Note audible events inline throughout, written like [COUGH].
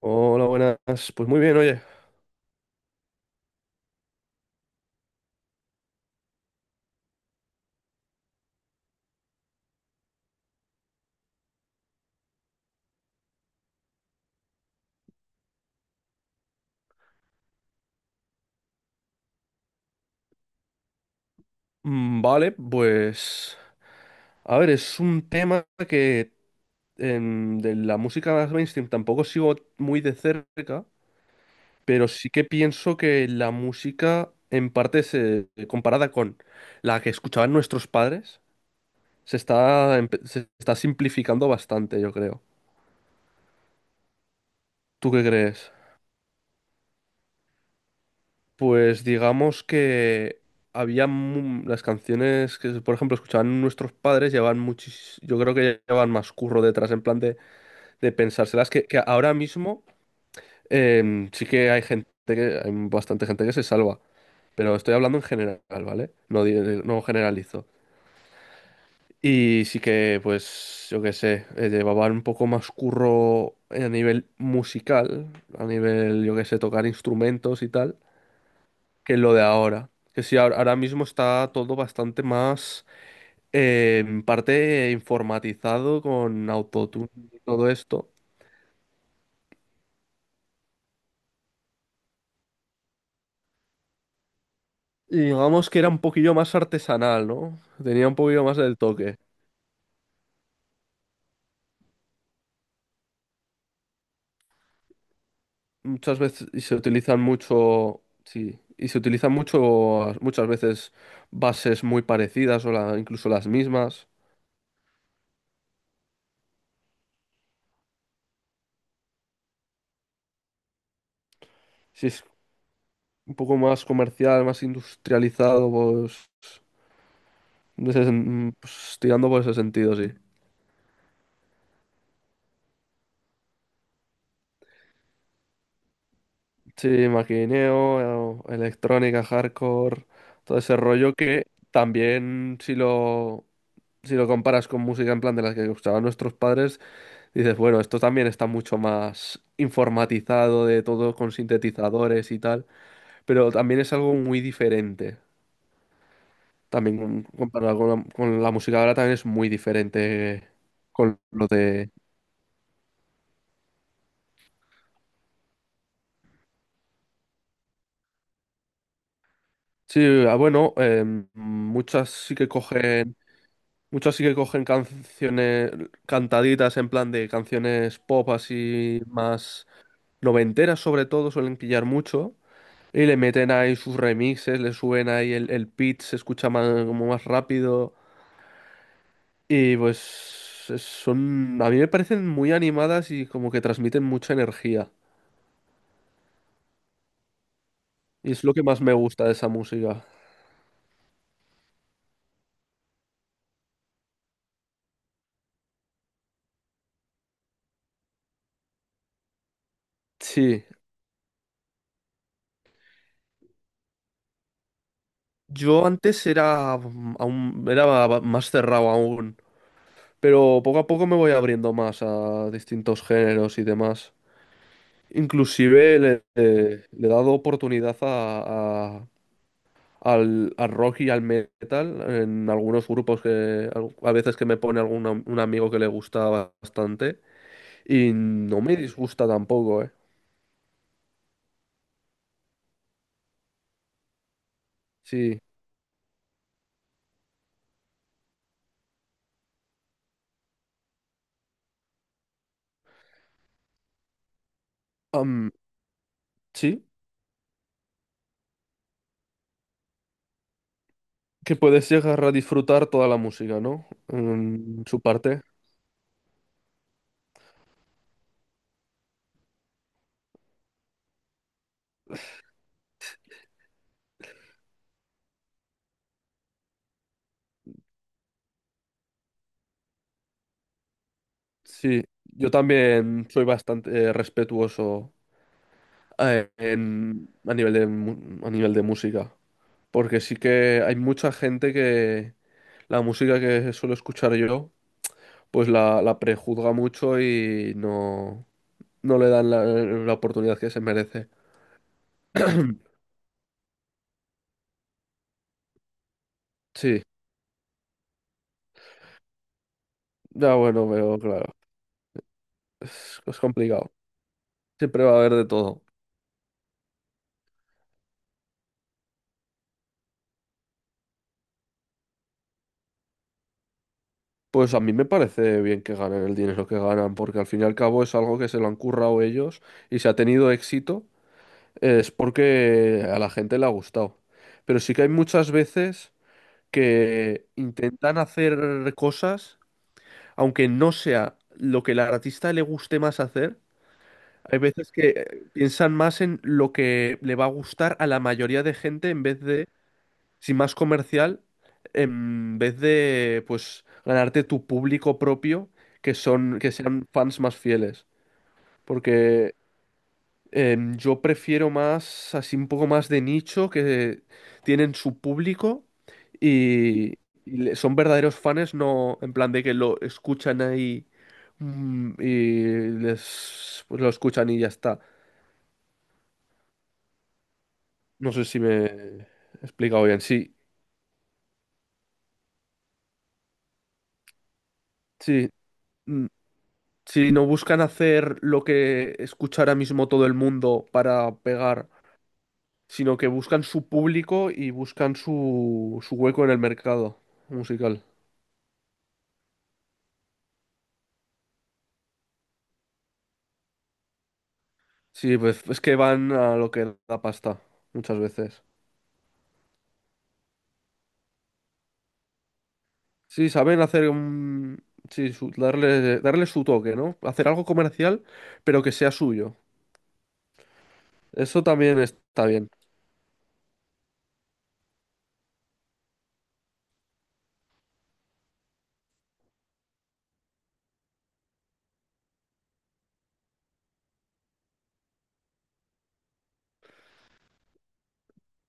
Hola, buenas. Pues muy bien, oye. Mm, vale, pues... A ver, es un tema que de la música más mainstream tampoco sigo muy de cerca, pero sí que pienso que la música, en parte, comparada con la que escuchaban nuestros padres, se está, se está simplificando bastante, yo creo. ¿Tú qué crees? Pues digamos que había las canciones que, por ejemplo, escuchaban nuestros padres, llevaban muchis, yo creo que llevaban más curro detrás, en plan de pensárselas, que ahora mismo sí que hay gente que, hay bastante gente que se salva, pero estoy hablando en general, ¿vale? No, no generalizo. Y sí que, pues, yo qué sé, llevaban un poco más curro a nivel musical, a nivel, yo qué sé, tocar instrumentos y tal. Que lo de ahora. Que sí, ahora mismo está todo bastante más en parte informatizado con autotune y todo esto. Y digamos que era un poquillo más artesanal, ¿no? Tenía un poquillo más del toque. Muchas veces y se utilizan mucho, sí, y se utilizan mucho, muchas veces bases muy parecidas o incluso las mismas. Si es un poco más comercial, más industrializado, pues, en ese pues, tirando por ese sentido, sí. Sí, maquineo, electrónica, hardcore, todo ese rollo que también si lo comparas con música en plan de las que gustaban nuestros padres, dices, bueno, esto también está mucho más informatizado de todo con sintetizadores y tal, pero también es algo muy diferente. También comparado con la música ahora también es muy diferente con lo de... Sí, ah, bueno, muchas sí que cogen... Muchos sí que cogen canciones cantaditas en plan de canciones pop así más noventeras sobre todo, suelen pillar mucho. Y le meten ahí sus remixes, le suben ahí el pitch, se escucha más, como más rápido. Y pues son, a mí me parecen muy animadas y como que transmiten mucha energía. Y es lo que más me gusta de esa música. Sí, yo antes era, mm, aún, era más cerrado aún. Pero poco a poco me voy abriendo más a distintos géneros y demás. Inclusive le, le he dado oportunidad al, al rock y al metal en algunos grupos que a veces que me pone algún un amigo que le gusta bastante y no me disgusta tampoco, ¿eh? Sí. Am, sí, que puedes llegar a disfrutar toda la música, ¿no? En su parte. Sí, yo también soy bastante respetuoso a nivel de, a nivel de música. Porque sí que hay mucha gente que la música que suelo escuchar yo, pues la prejuzga mucho y no, no le dan la oportunidad que se merece. [CLEARS THROAT] Sí, ya bueno, veo, claro. Es complicado. Siempre va a haber de todo. Pues a mí me parece bien que ganen el dinero que ganan, porque al fin y al cabo es algo que se lo han currado ellos y se ha tenido éxito. Es porque a la gente le ha gustado. Pero sí que hay muchas veces que intentan hacer cosas, aunque no sea lo que al artista le guste más hacer. Hay veces que piensan más en lo que le va a gustar a la mayoría de gente en vez de, si más comercial, en vez de, pues, ganarte tu público propio, que son, que sean fans más fieles. Porque yo prefiero más, así un poco más de nicho, que tienen su público y, y son verdaderos fans, no en plan de que lo escuchan ahí mm, y les, pues lo escuchan y ya está. No sé si me he explicado bien. Sí, sí. Mm, si no buscan hacer lo que escucha ahora mismo todo el mundo para pegar, sino que buscan su público y buscan su, su hueco en el mercado musical. Sí, pues es que van a lo que da pasta, muchas veces. Sí, saben hacer un... Sí, darle, darle su toque, ¿no? Hacer algo comercial, pero que sea suyo. Eso también está bien.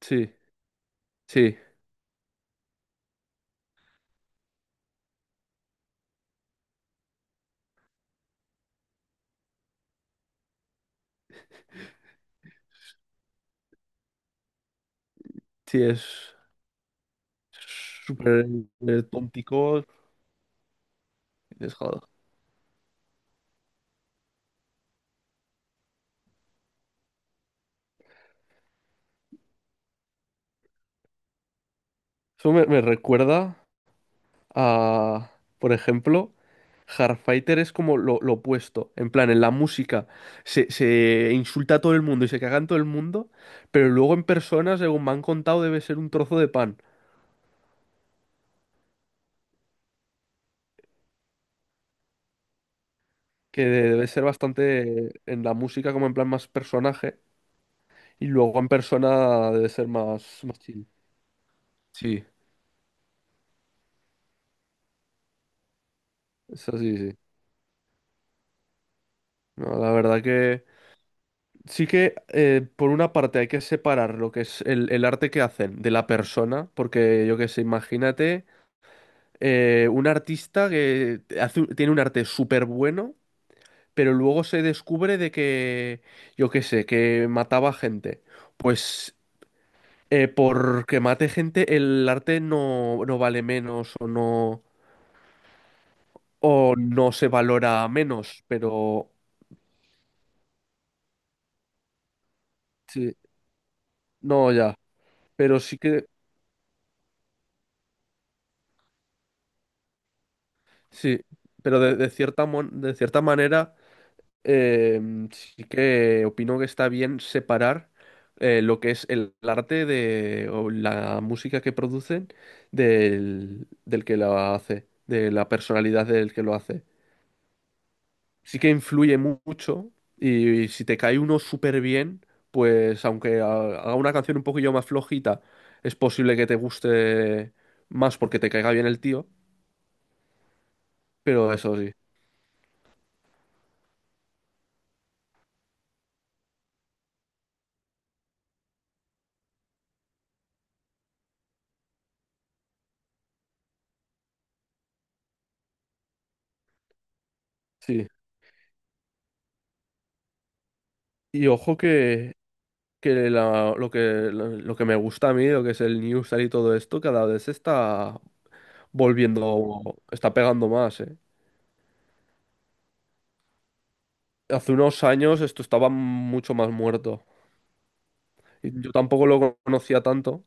Sí, sí, sí, es súper tóntico. Es joder. Eso me, me recuerda a, por ejemplo, Hardfighter es como lo opuesto. En plan, en la música se insulta a todo el mundo y se caga en todo el mundo, pero luego en persona, según me han contado, debe ser un trozo de pan, que debe ser bastante en la música como en plan más personaje, y luego en persona debe ser más, más chill. Sí, eso sí, sí. No, la verdad que... Sí que, por una parte, hay que separar lo que es el arte que hacen de la persona, porque yo qué sé, imagínate un artista que hace tiene un arte súper bueno, pero luego se descubre de que, yo qué sé, que mataba gente. Pues porque mate gente, el arte no, no vale menos o no se valora menos, pero sí, no ya, pero sí que, sí, pero de cierta, de cierta manera sí que opino que está bien separar lo que es el arte de, o la música que producen del que la hace, de la personalidad del que lo hace. Sí que influye mucho y, si te cae uno súper bien, pues aunque haga una canción un poquillo más flojita, es posible que te guste más porque te caiga bien el tío, pero eso sí, sí. Y ojo que lo que, lo, que me gusta a mí, lo que es el Newstar y todo esto, cada vez está volviendo, está pegando más, ¿eh? Hace unos años esto estaba mucho más muerto. Y yo tampoco lo conocía tanto,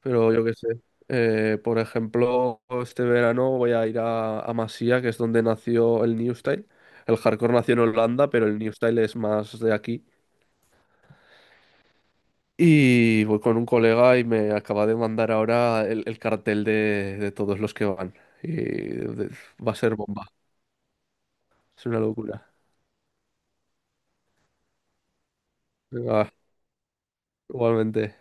pero yo qué sé. Por ejemplo, este verano voy a ir a Masía, que es donde nació el New Style. El hardcore nació en Holanda, pero el New Style es más de aquí. Y voy con un colega y me acaba de mandar ahora el cartel de todos los que van. Y de- va a ser bomba. Es una locura. Venga, igualmente.